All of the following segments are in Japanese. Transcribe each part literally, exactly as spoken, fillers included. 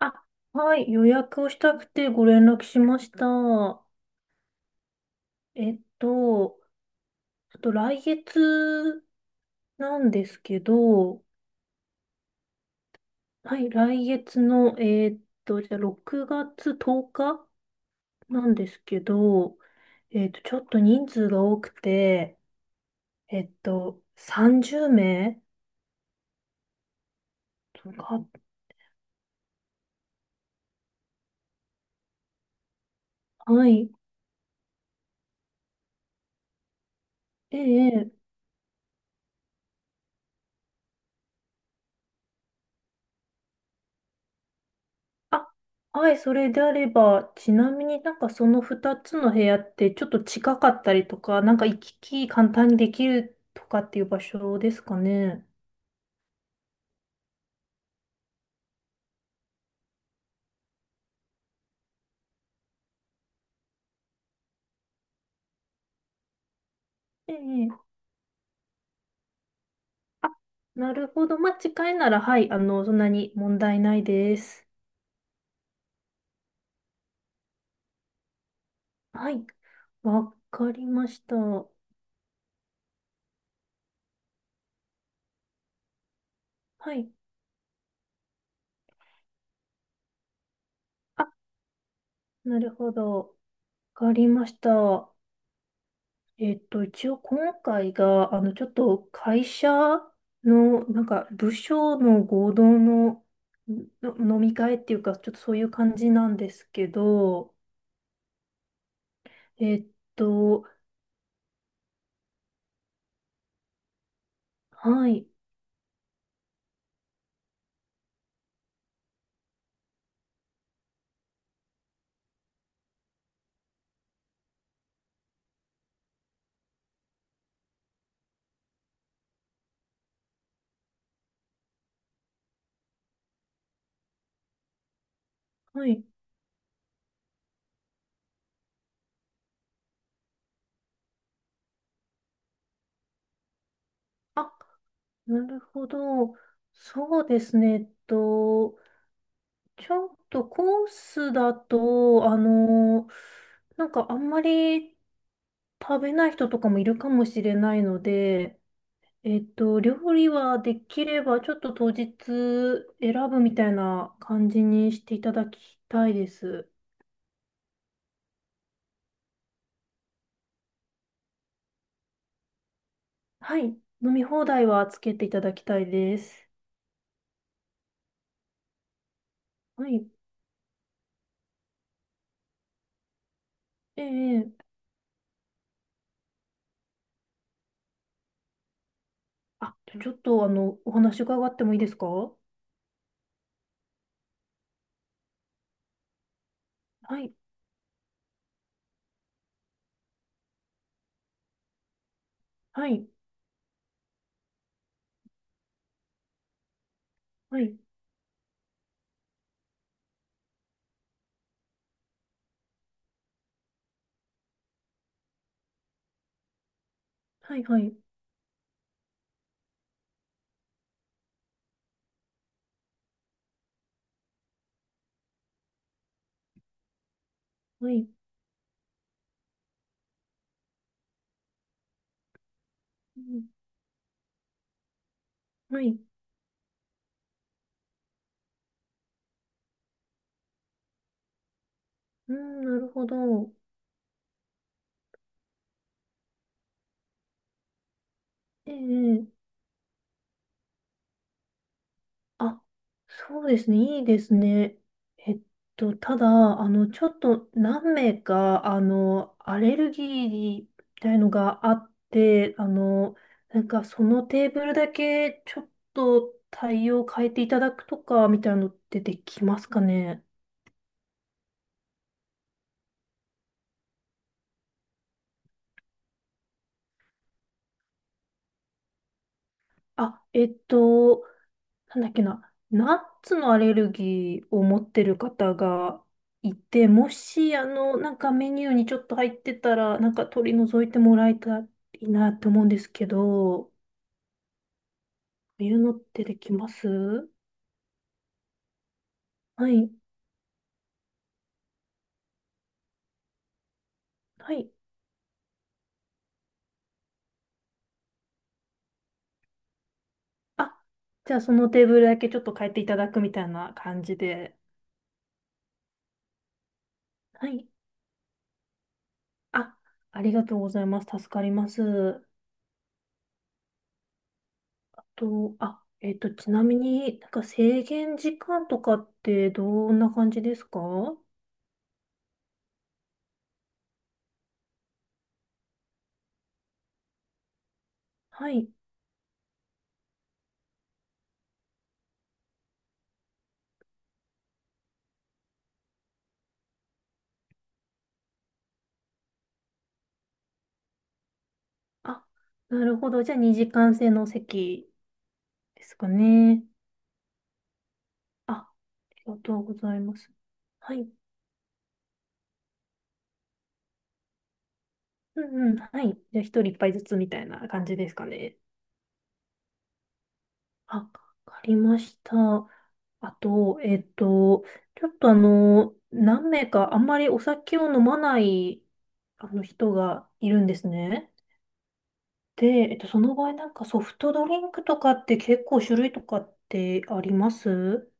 あ、はい、予約をしたくてご連絡しました。えっと、ちょっと来月なんですけど、はい、来月の、えっと、じゃあろくがつとおかなんですけど、えっと、ちょっと人数が多くて、えっと、さんじゅうめい名とか、はい。ええ。あ、はい、それであれば、ちなみになんかそのふたつの部屋ってちょっと近かったりとか、なんか行き来簡単にできるとかっていう場所ですかね。ええ。あ、なるほど。まあ、近いなら、はい、あの、そんなに問題ないです。はい。わかりました。はい。あ、なるほど。わかりました。えっと、一応今回が、あの、ちょっと会社の、なんか、部署の合同の、の飲み会っていうか、ちょっとそういう感じなんですけど、えっと、はい、はい。あ、なるほど。そうですね。えっと、ちょっとコースだと、あの、なんかあんまり食べない人とかもいるかもしれないので、えっと、料理はできれば、ちょっと当日選ぶみたいな感じにしていただきたいです。はい。飲み放題はつけていただきたいです。はい。ええ。あ、ちょっと、あの、お話伺ってもいいですか？はい。はい。はい。はい。はい。はい。うん。はい。うん、なるほど。ええ。あ、そうですね。いいですね。えっと、ただ、あの、ちょっと何名か、あの、アレルギーみたいのがあって、あの、なんかそのテーブルだけちょっと対応変えていただくとか、みたいなのってできますかね。あ、えっと、なんだっけな、ナッツのアレルギーを持ってる方がいて、もし、あの、なんかメニューにちょっと入ってたら、なんか取り除いてもらえたらいいなって思うんですけど、こういうのってできます？はい、はい。あ、じゃあそのテーブルだけちょっと変えていただくみたいな感じで。はい。あ、ありがとうございます。助かります。と、あ、えっと、ちなみになんか制限時間とかってどんな感じですか？はい。あ、なるほど。じゃあ、にじかん制の席ですかね。あ、ありがとうございます。はい。うんうん。はい。じゃあ、ひとり一杯ずつみたいな感じですかね。あ、わかりました。あと、えっと、ちょっとあの、何名かあんまりお酒を飲まないあの人がいるんですね。で、えっと、その場合なんかソフトドリンクとかって結構種類とかってあります？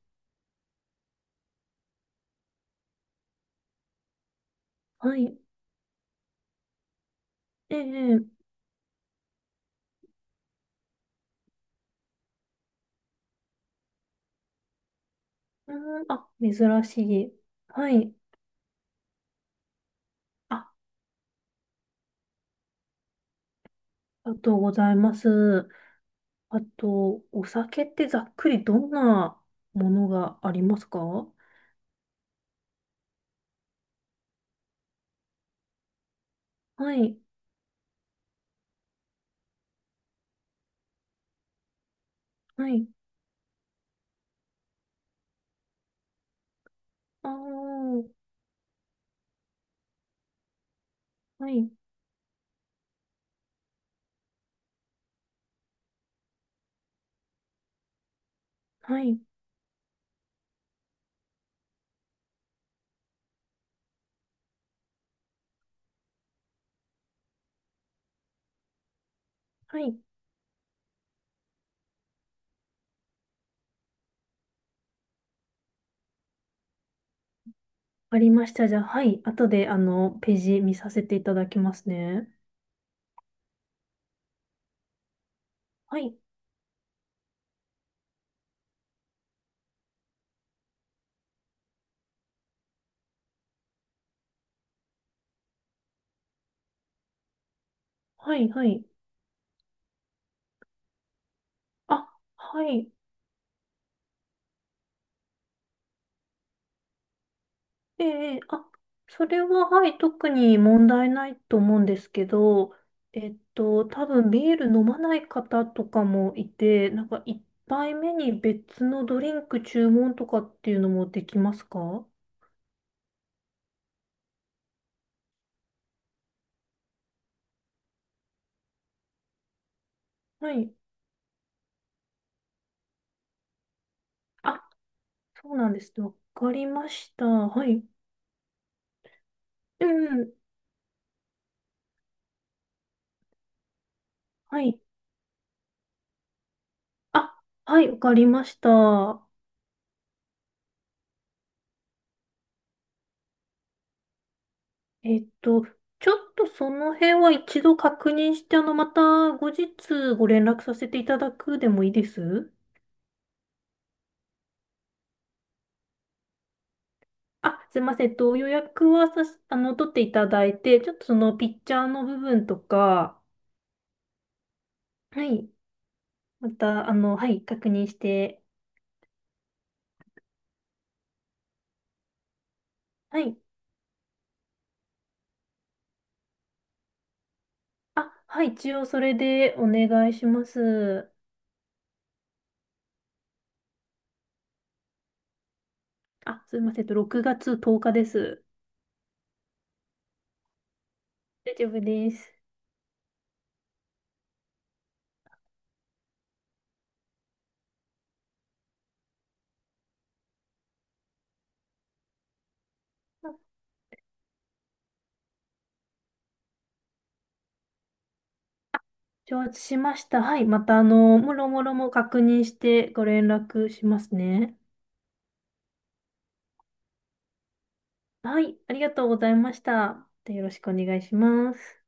はい。ええ、ええ。うーん、あ、珍しい。はい。あ、ありがとうございます。あと、お酒ってざっくりどんなものがありますか？はい、はい、あー、はい、はい、はい。ありました。じゃあ、はい。後で、あの、ページ見させていただきますね。はい、はい、はい。あ、はい。ええ、あ、それは、はい、特に問題ないと思うんですけど、えっと、多分ビール飲まない方とかもいて、なんか一杯目に別のドリンク注文とかっていうのもできますか？はい。あ、そうなんですね。わかりました。はい。うん。はい。あ、はい、わかりました。えっと、ちょっとその辺は一度確認して、あの、また後日ご連絡させていただくでもいいです？あ、すいません。えっと、予約はさし、あの、取っていただいて、ちょっとそのピッチャーの部分とか、はい。また、あの、はい、確認して、はい。あ、はい、一応それでお願いします。あ、すいません。えっと、ろくがつとおかです。大丈夫です。あ、承知しました。はい。また、あの、もろもろも確認してご連絡しますね。はい。ありがとうございました。でよろしくお願いします。